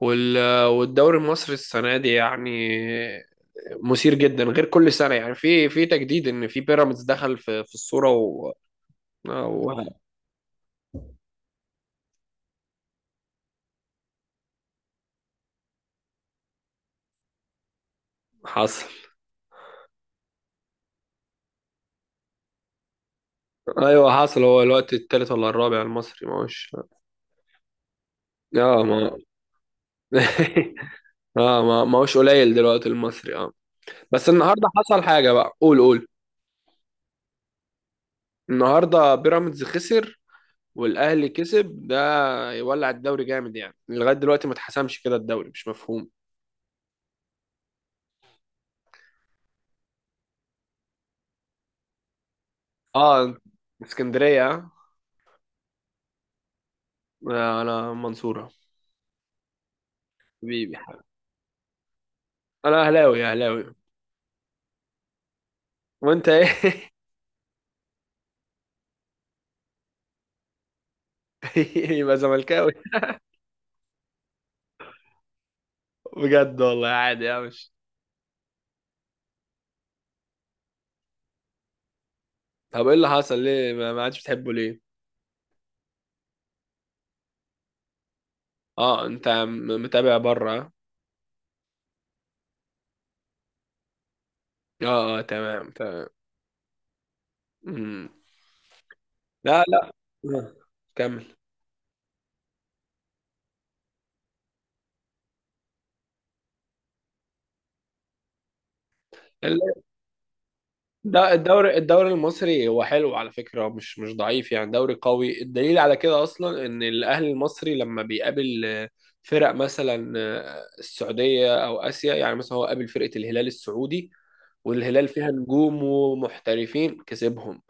والدوري المصري السنه دي يعني مثير جدا غير كل سنه يعني في تجديد ان في بيراميدز دخل في الصوره و- حصل. ايوه حصل، هو الوقت التالت ولا الرابع المصري ما هوش؟ اه ما. اه ما هوش قليل دلوقتي المصري اه. بس النهارده حصل حاجه بقى، قول. النهارده بيراميدز خسر والاهلي كسب، ده يولع الدوري جامد يعني، لغايه دلوقتي ما اتحسمش كده الدوري، مش مفهوم. اه اسكندريه آه. لا انا منصورة. حبيبي، انا اهلاوي اهلاوي. وانت ايه؟ يبقى زملكاوي. بجد والله، عادي، يا مش. طب ايه اللي حصل؟ ليه ما عادش بتحبه ليه؟ اه انت متابع بره. اه اه، تمام تمام. مم. لا آه، كمل. ده الدوري، الدوري المصري هو حلو على فكرة، مش ضعيف يعني، دوري قوي. الدليل على كده أصلا إن الأهلي المصري لما بيقابل فرق مثلا السعودية أو آسيا، يعني مثلا هو قابل فرقة الهلال السعودي، والهلال فيها نجوم ومحترفين، كسبهم.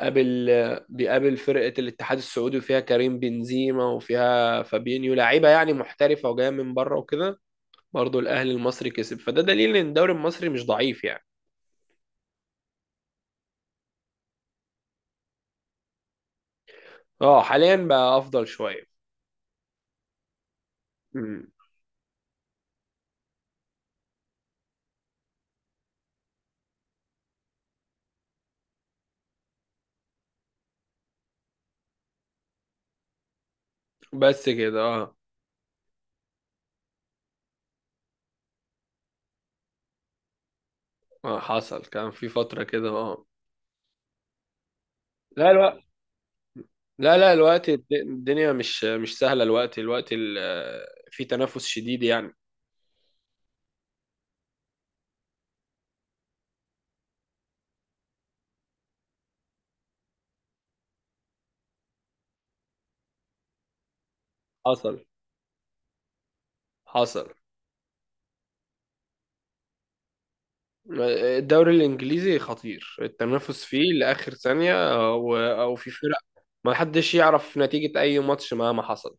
قابل آه، بيقابل فرقة الاتحاد السعودي وفيها كريم بنزيما وفيها فابينيو، لعيبة يعني محترفة وجاية من بره وكده، برضه الأهلي المصري كسب. فده دليل إن الدوري المصري مش ضعيف يعني. اه حاليا بقى أفضل شوية. مم. بس كده اه. حصل، كان في فترة كده اه. لا الوقت، لا لا الوقت الدنيا مش سهلة، الوقت في تنافس شديد يعني. حصل حصل. الدوري الإنجليزي خطير، التنافس فيه لآخر ثانية، أو في فرق ما حدش يعرف نتيجة أي ماتش مهما حصل.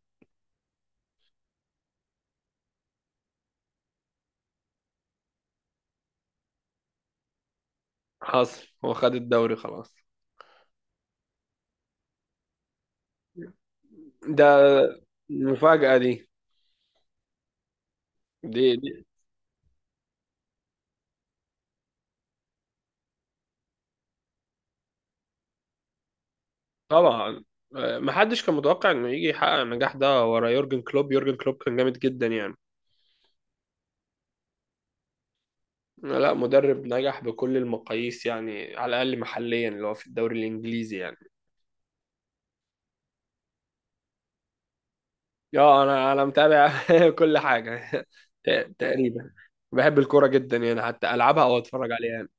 حصل، هو خد الدوري خلاص. ده المفاجأة دي، دي. طبعا آه، محدش كان متوقع انه يجي يحقق النجاح ده ورا يورجن كلوب. يورجن كلوب كان جامد جدا يعني، لا مدرب نجح بكل المقاييس يعني، على الاقل محليا اللي هو في الدوري الانجليزي يعني. يا انا متابع كل حاجه تقريبا. بحب الكوره جدا يعني، حتى العبها او اتفرج عليها يعني.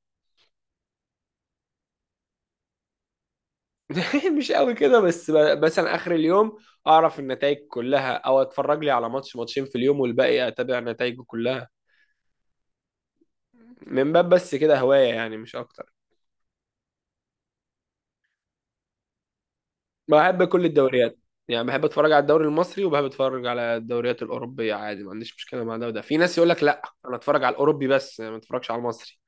مش قوي كده، بس مثلا اخر اليوم اعرف النتائج كلها، او اتفرج لي على ماتش ماتشين في اليوم والباقي اتابع نتائجه كلها. من باب بس كده هوايه يعني مش اكتر. بحب كل الدوريات، يعني بحب اتفرج على الدوري المصري وبحب اتفرج على الدوريات الاوروبيه عادي، ما عنديش مشكله مع ده وده. في ناس يقول لك لا انا اتفرج على الاوروبي بس، ما اتفرجش على المصري.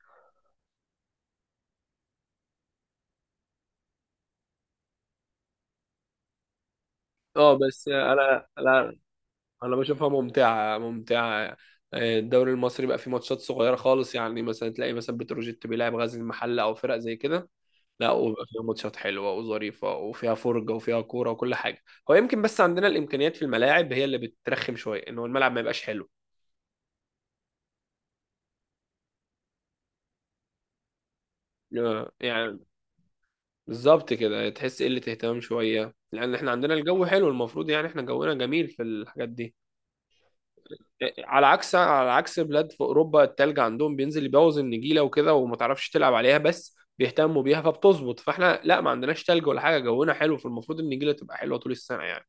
اه بس انا لا، انا بشوفها ممتعه ممتعه. آه، الدوري المصري بقى فيه ماتشات صغيره خالص، يعني مثلا تلاقي مثلا بتروجيت بيلعب غزل المحله او فرق زي كده، لا وبقى فيها ماتشات حلوه وظريفه وفيها فرجه وفيها كوره وكل حاجه. هو يمكن بس عندنا الامكانيات في الملاعب هي اللي بترخم شويه، ان هو الملعب ما يبقاش حلو. آه، يعني بالظبط كده، تحس قلة اهتمام شوية، لأن احنا عندنا الجو حلو المفروض يعني، احنا جونا جميل في الحاجات دي. إيه، إيه، على عكس، على عكس بلاد في أوروبا التلج عندهم بينزل يبوظ النجيلة وكده وما تعرفش تلعب عليها، بس بيهتموا بيها فبتظبط. فاحنا لا ما عندناش تلج ولا حاجة، جونا حلو، فالمفروض النجيلة تبقى حلوة طول السنة يعني.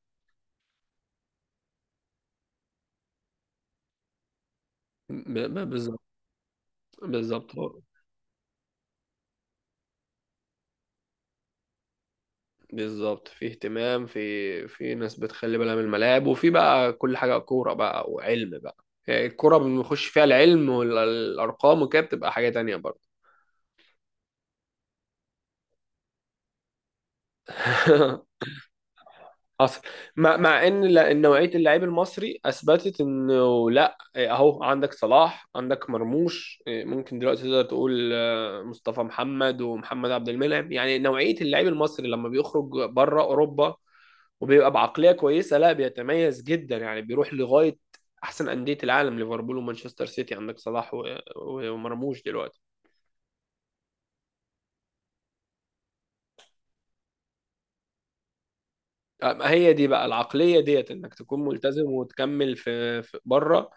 بالظبط بالظبط. بالظبط، في اهتمام، في في ناس بتخلي بالها من الملاعب، وفي بقى كل حاجة كورة بقى وعلم بقى. يعني الكورة بنخش فيها العلم والأرقام وكده، بتبقى حاجة تانية برضه. حصل. مع مع ان إن نوعيه اللعيب المصري اثبتت انه لا، إيه، اهو عندك صلاح، عندك مرموش، إيه، ممكن دلوقتي تقدر تقول آه، مصطفى محمد ومحمد عبد المنعم. يعني نوعيه اللعيب المصري لما بيخرج بره اوروبا وبيبقى بعقليه كويسه، لا بيتميز جدا يعني، بيروح لغايه احسن انديه العالم، ليفربول ومانشستر سيتي، عندك صلاح ومرموش دلوقتي. ما هي دي بقى العقلية ديت، انك تكون ملتزم وتكمل في بره،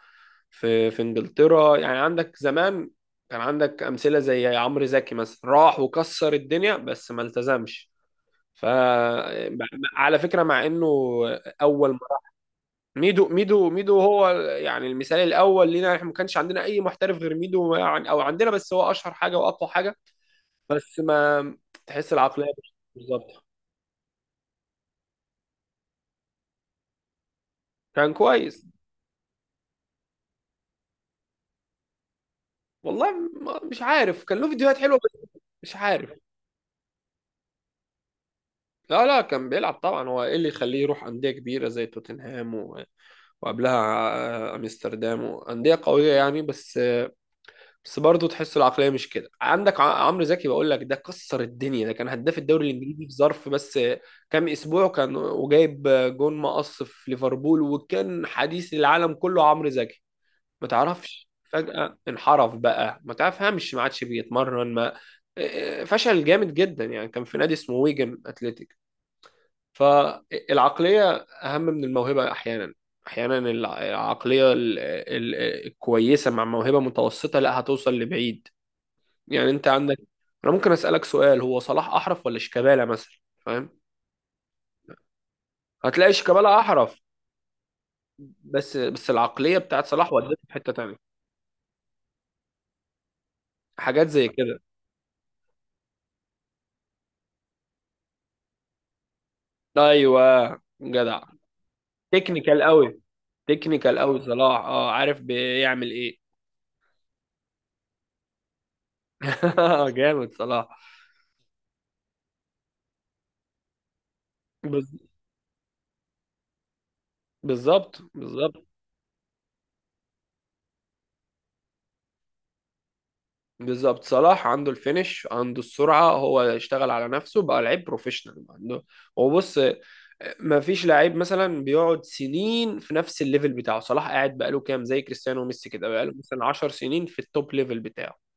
في في انجلترا يعني. عندك زمان كان عندك امثلة زي عمرو زكي مثلا، راح وكسر الدنيا بس ما التزمش. ف على فكرة مع انه اول مرة. ميدو ميدو هو يعني المثال الاول لينا احنا، ما كانش عندنا اي محترف غير ميدو يعني، او عندنا بس هو اشهر حاجة واقوى حاجة. بس ما تحس العقلية مش بالظبط. كان كويس. والله مش عارف، كان له فيديوهات حلوه بس، مش عارف. لا لا كان بيلعب طبعا، هو ايه اللي يخليه يروح انديه كبيره زي توتنهام وقبلها آه، امستردام وانديه قويه يعني، بس آه، بس برضه تحس العقليه مش كده. عندك عمرو زكي، بقول لك ده كسر الدنيا، ده كان هداف الدوري الانجليزي في ظرف بس آه، كام اسبوع، كان وجايب آه، جون مقص في ليفربول، وكان حديث العالم كله عمرو زكي. ما تعرفش فجأة انحرف بقى، ما تفهمش، ما عادش بيتمرن، ما إيه، فشل جامد جدا يعني، كان في نادي اسمه ويجن اتلتيك. فالعقلية أهم من الموهبة أحيانا. أحيانا العقلية الكويسة مع موهبة متوسطة، لا هتوصل لبعيد. يعني أنت عندك، أنا ممكن أسألك سؤال، هو صلاح أحرف ولا شيكابالا مثلا؟ فاهم؟ هتلاقي شيكابالا أحرف. بس بس العقلية بتاعت صلاح ودته في حتة تانية. حاجات زي كده. أيوه جدع. تكنيكال قوي، تكنيكال قوي صلاح، اه عارف بيعمل ايه. جامد صلاح. بز- بالظبط بالظبط. بالظبط صلاح عنده الفينش، عنده السرعه، هو اشتغل على نفسه، بقى لعيب بروفيشنال. عنده هو بص، ما فيش لعيب مثلا بيقعد سنين في نفس الليفل بتاعه. صلاح قاعد بقاله كام، زي كريستيانو وميسي كده، بقاله مثلا 10 سنين في التوب ليفل بتاعه.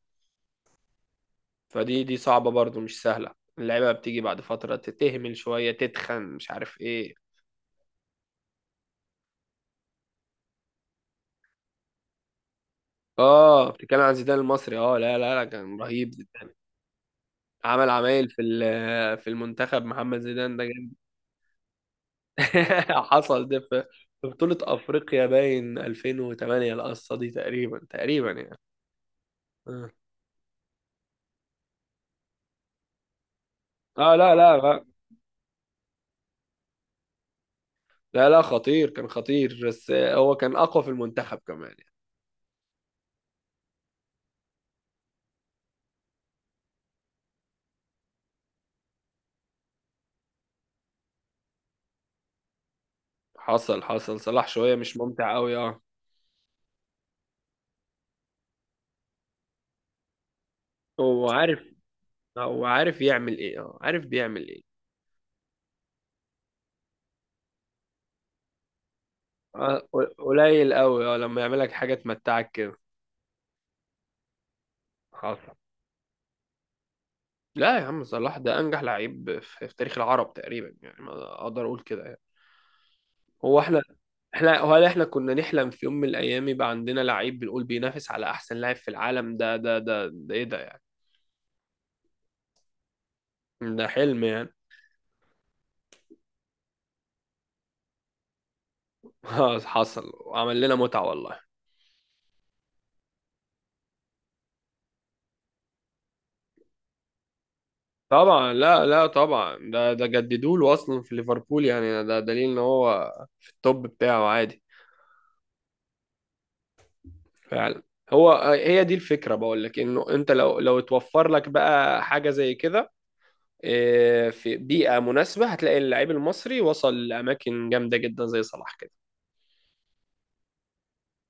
فدي دي صعبه برضو مش سهله. اللعيبه بتيجي بعد فتره تتهمل شويه، تتخن، مش عارف ايه. اه بتتكلم عن زيدان المصري؟ اه لا لا لا كان رهيب زيدان، عمل عمايل في المنتخب. محمد زيدان ده جامد. حصل ده في في بطولة افريقيا باين 2008 القصة دي، تقريبا تقريبا يعني. اه آه، لا لا لا، لا لا، خطير كان خطير، بس هو كان اقوى في المنتخب كمان يعني. حصل حصل. صلاح شوية مش ممتع قوي اه. هو عارف، هو عارف يعمل ايه، اه عارف بيعمل ايه. آه، قليل قوي اه لما يعمل لك حاجة تمتعك كده. لا يا عم صلاح ده انجح لعيب في في تاريخ العرب تقريبا يعني، ما اقدر اقول كده يعني. هو احنا، احنا هل احنا كنا نحلم في يوم من الايام يبقى عندنا لعيب بنقول بينافس على احسن لاعب في العالم؟ ده ده ده ده ايه ده يعني؟ ده حلم يعني. حصل وعمل لنا متعة والله. طبعا، لا لا طبعا، ده ده جددوا له اصلا في ليفربول، يعني ده دليل ان هو في التوب بتاعه عادي. فعلا. هو هي دي الفكرة، بقول لك انه انت لو اتوفر لك بقى حاجة زي كده، آه، في بيئة مناسبة، هتلاقي اللعيب المصري وصل لأماكن جامدة جدا زي صلاح كده.